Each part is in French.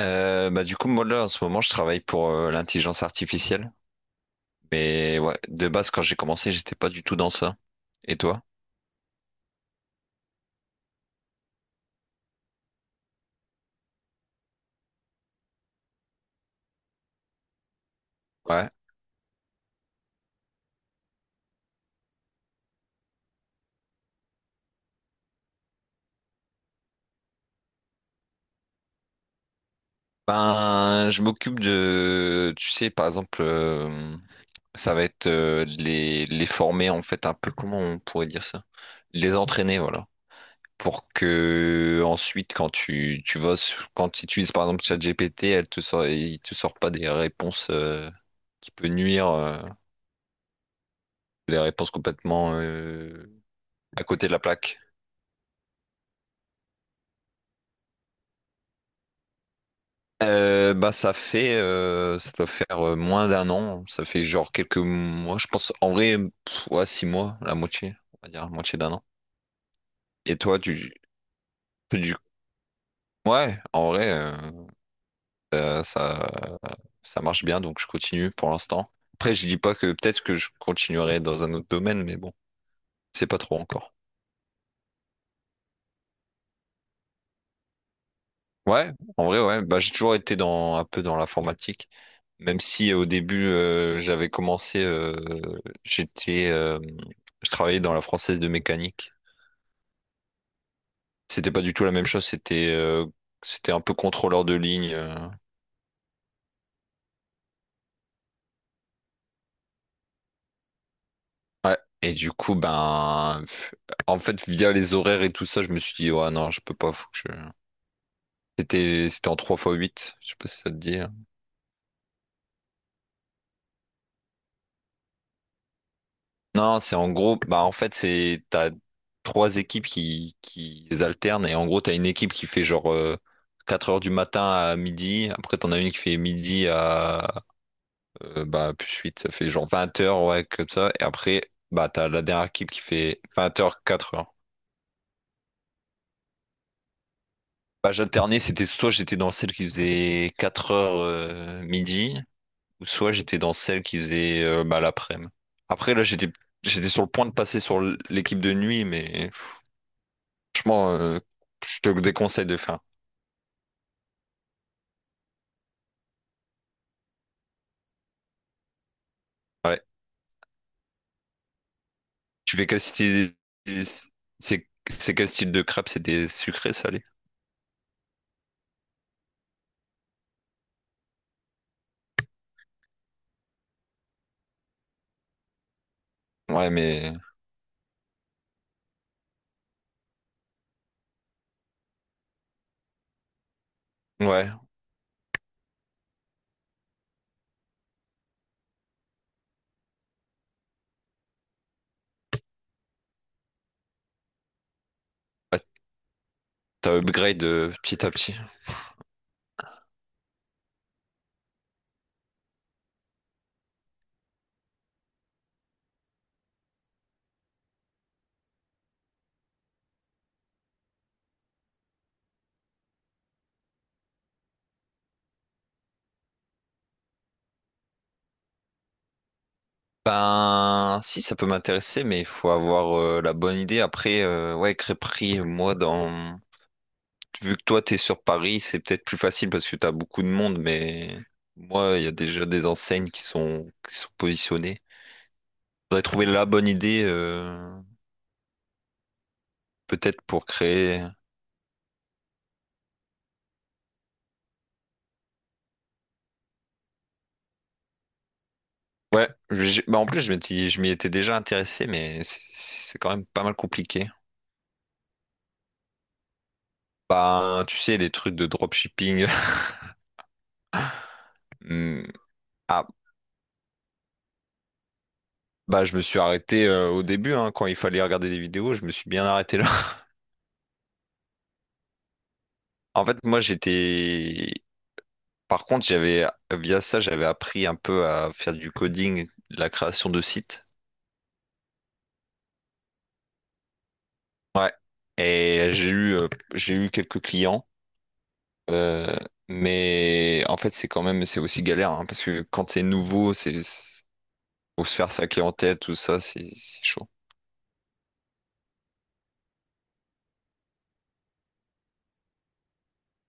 Du coup, moi là, en ce moment, je travaille pour l'intelligence artificielle. Mais ouais, de base, quand j'ai commencé, j'étais pas du tout dans ça. Et toi? Ouais. Ben, je m'occupe de, tu sais, par exemple, ça va être les former, en fait, un peu, comment on pourrait dire ça? Les entraîner, voilà. Pour que ensuite, quand quand tu utilises, par exemple, ChatGPT, elle te il te sort pas des réponses qui peut nuire, des réponses à côté de la plaque. Bah ça fait ça doit faire moins d'un an, ça fait genre quelques mois, je pense en vrai pff, ouais, six mois, la moitié, on va dire, la moitié d'un an. Et toi tu, du ouais, en vrai euh, ça ça marche bien donc je continue pour l'instant. Après je dis pas que peut-être que je continuerai dans un autre domaine mais bon, c'est pas trop encore. Ouais, en vrai, ouais. Bah, j'ai toujours été dans un peu dans l'informatique, même si au début j'étais, euh, je travaillais dans la française de mécanique. C'était pas du tout la même chose. C'était un peu contrôleur de ligne. Ouais. Et du coup, en fait, via les horaires et tout ça, je me suis dit, ouais, non, je peux pas. Faut que je... C'était en 3 fois 8. Je sais pas si ça te dit. Non, c'est en gros, bah en fait, c'est t'as trois équipes qui alternent et en gros, t'as une équipe qui fait genre 4 heures du matin à midi, après t'en as une qui fait midi à bah plus 8, ça fait genre 20 heures, ouais, comme ça, et après, bah t'as la dernière équipe qui fait 20 heures, 4 heures. Bah j'alternais, c'était soit j'étais dans celle qui faisait 4 heures midi, ou soit j'étais dans celle qui faisait bah, l'après-midi. Après, là, j'étais sur le point de passer sur l'équipe de nuit, mais. Franchement, je te déconseille de faire. Ouais. Tu fais quel style... c'est quel style de crêpes? C'est des sucrés, salés? Ouais, mais... Ouais. Ouais, t'as upgrade petit à petit. Ben, si, ça peut m'intéresser, mais il faut avoir la bonne idée. Après, ouais, crêperie, moi, dans... Vu que toi, t'es sur Paris, c'est peut-être plus facile parce que t'as beaucoup de monde, mais... Moi, il y a déjà des enseignes qui sont positionnées. Faudrait trouver la bonne idée, peut-être pour créer... Ouais, bah en plus je m'y étais déjà intéressé, mais c'est quand même pas mal compliqué. Bah, tu sais, les trucs de dropshipping. Hmm. Ah, bah je me suis arrêté au début, hein, quand il fallait regarder des vidéos, je me suis bien arrêté là. En fait, moi j'étais... Par contre, via ça, j'avais appris un peu à faire du coding, de la création de sites. Ouais. Et j'ai eu quelques clients. Euh, mais en fait, c'est quand même, c'est aussi galère, hein, parce que quand t'es nouveau, c'est ou se faire saquer en tête, tout ça, c'est chaud.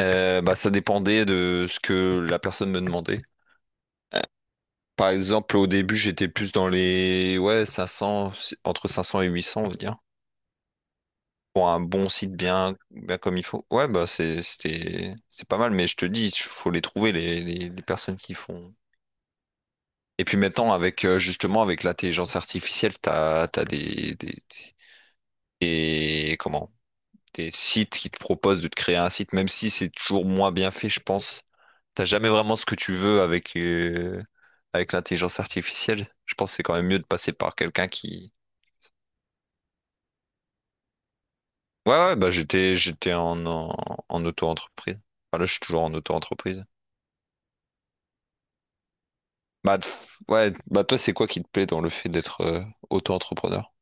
Bah, ça dépendait de ce que la personne me demandait. Par exemple, au début, j'étais plus dans les ouais, 500 entre 500 et 800 on va dire, pour un bon site bien comme il faut. Ouais, bah c'était pas mal, mais je te dis, il faut les trouver, les personnes qui font. Et puis maintenant, avec justement, avec l'intelligence artificielle, t'as comment, des sites qui te proposent de te créer un site, même si c'est toujours moins bien fait, je pense. T'as jamais vraiment ce que tu veux avec, avec l'intelligence artificielle. Je pense que c'est quand même mieux de passer par quelqu'un qui. Ouais, ouais, bah j'étais en auto-entreprise. Enfin, là, je suis toujours en auto-entreprise. Bah, pff, ouais, bah toi, c'est quoi qui te plaît dans le fait d'être auto-entrepreneur?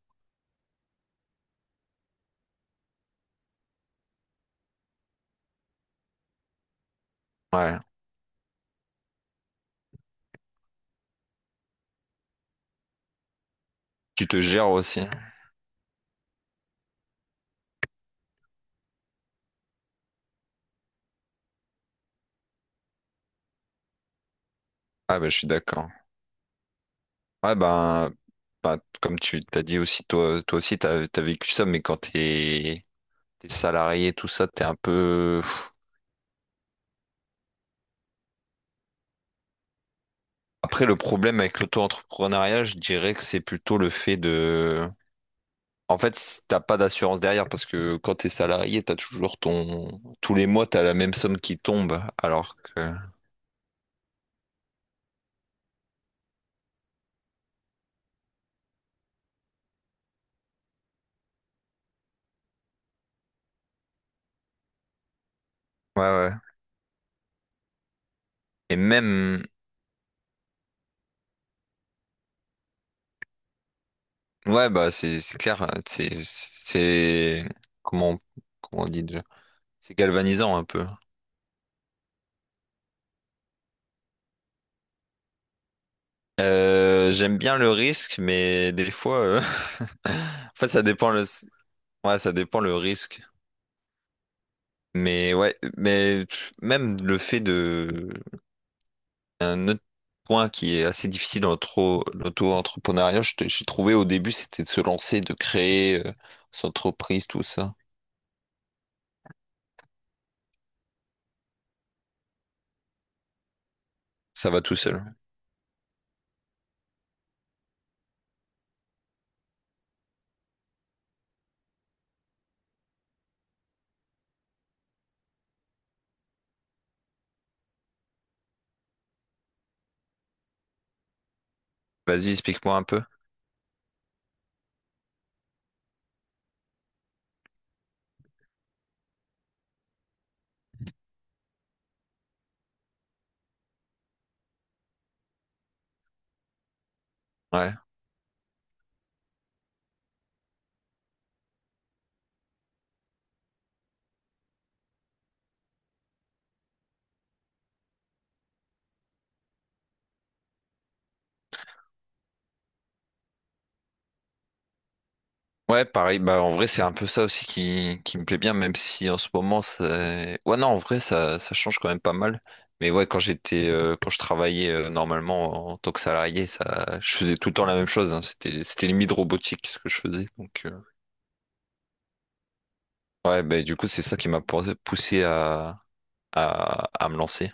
Ouais. Tu te gères aussi. Ah, bah je suis d'accord. Ouais, ben, comme tu t'as dit aussi, toi aussi, t'as vécu ça, mais quand t'es salarié, tout ça, t'es un peu. Après, le problème avec l'auto-entrepreneuriat, je dirais que c'est plutôt le fait de... En fait, t'as pas d'assurance derrière parce que quand t'es salarié, t'as toujours ton... Tous les mois, t'as la même somme qui tombe. Alors que... Ouais, ouais. Et même... Ouais, bah, c'est clair. Hein, c'est... Comment... on- Comment on dit déjà? C'est galvanisant un peu. J'aime bien le risque, mais des fois... En fait, ça dépend le... Ouais, ça dépend le risque. Mais ouais, mais pff, même le fait de... Un autre point qui est assez difficile dans l'auto-entrepreneuriat, j'ai trouvé au début, c'était de se lancer, de créer son entreprise, tout ça. Ça va tout seul. Vas-y, explique-moi un peu. Ouais. Ouais, pareil. Bah, en vrai, c'est un peu ça aussi qui me plaît bien, même si en ce moment, c'est... Ouais, non, en vrai, ça change quand même pas mal. Mais ouais, quand quand je travaillais normalement en tant que salarié, ça, je faisais tout le temps la même chose. Hein. C'était limite robotique ce que je faisais. Donc, ouais, bah, du coup, c'est ça qui m'a poussé à me lancer.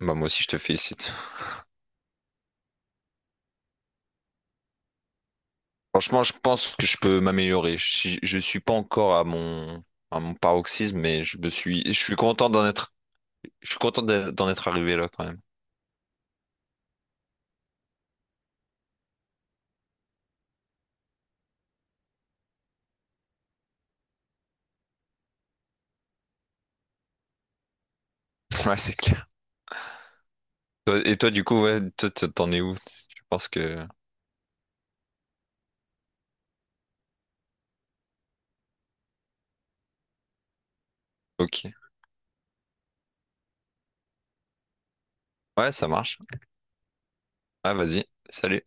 Bah, moi aussi, je te félicite. Franchement, je pense que je peux m'améliorer. Je suis pas encore à à mon paroxysme, mais je suis content d'en être, je suis content d'en être arrivé là quand même. Ouais, c'est clair. Et toi, du coup, ouais, toi, t'en es où? Je pense que, ok. Ouais, ça marche. Ah, vas-y. Salut.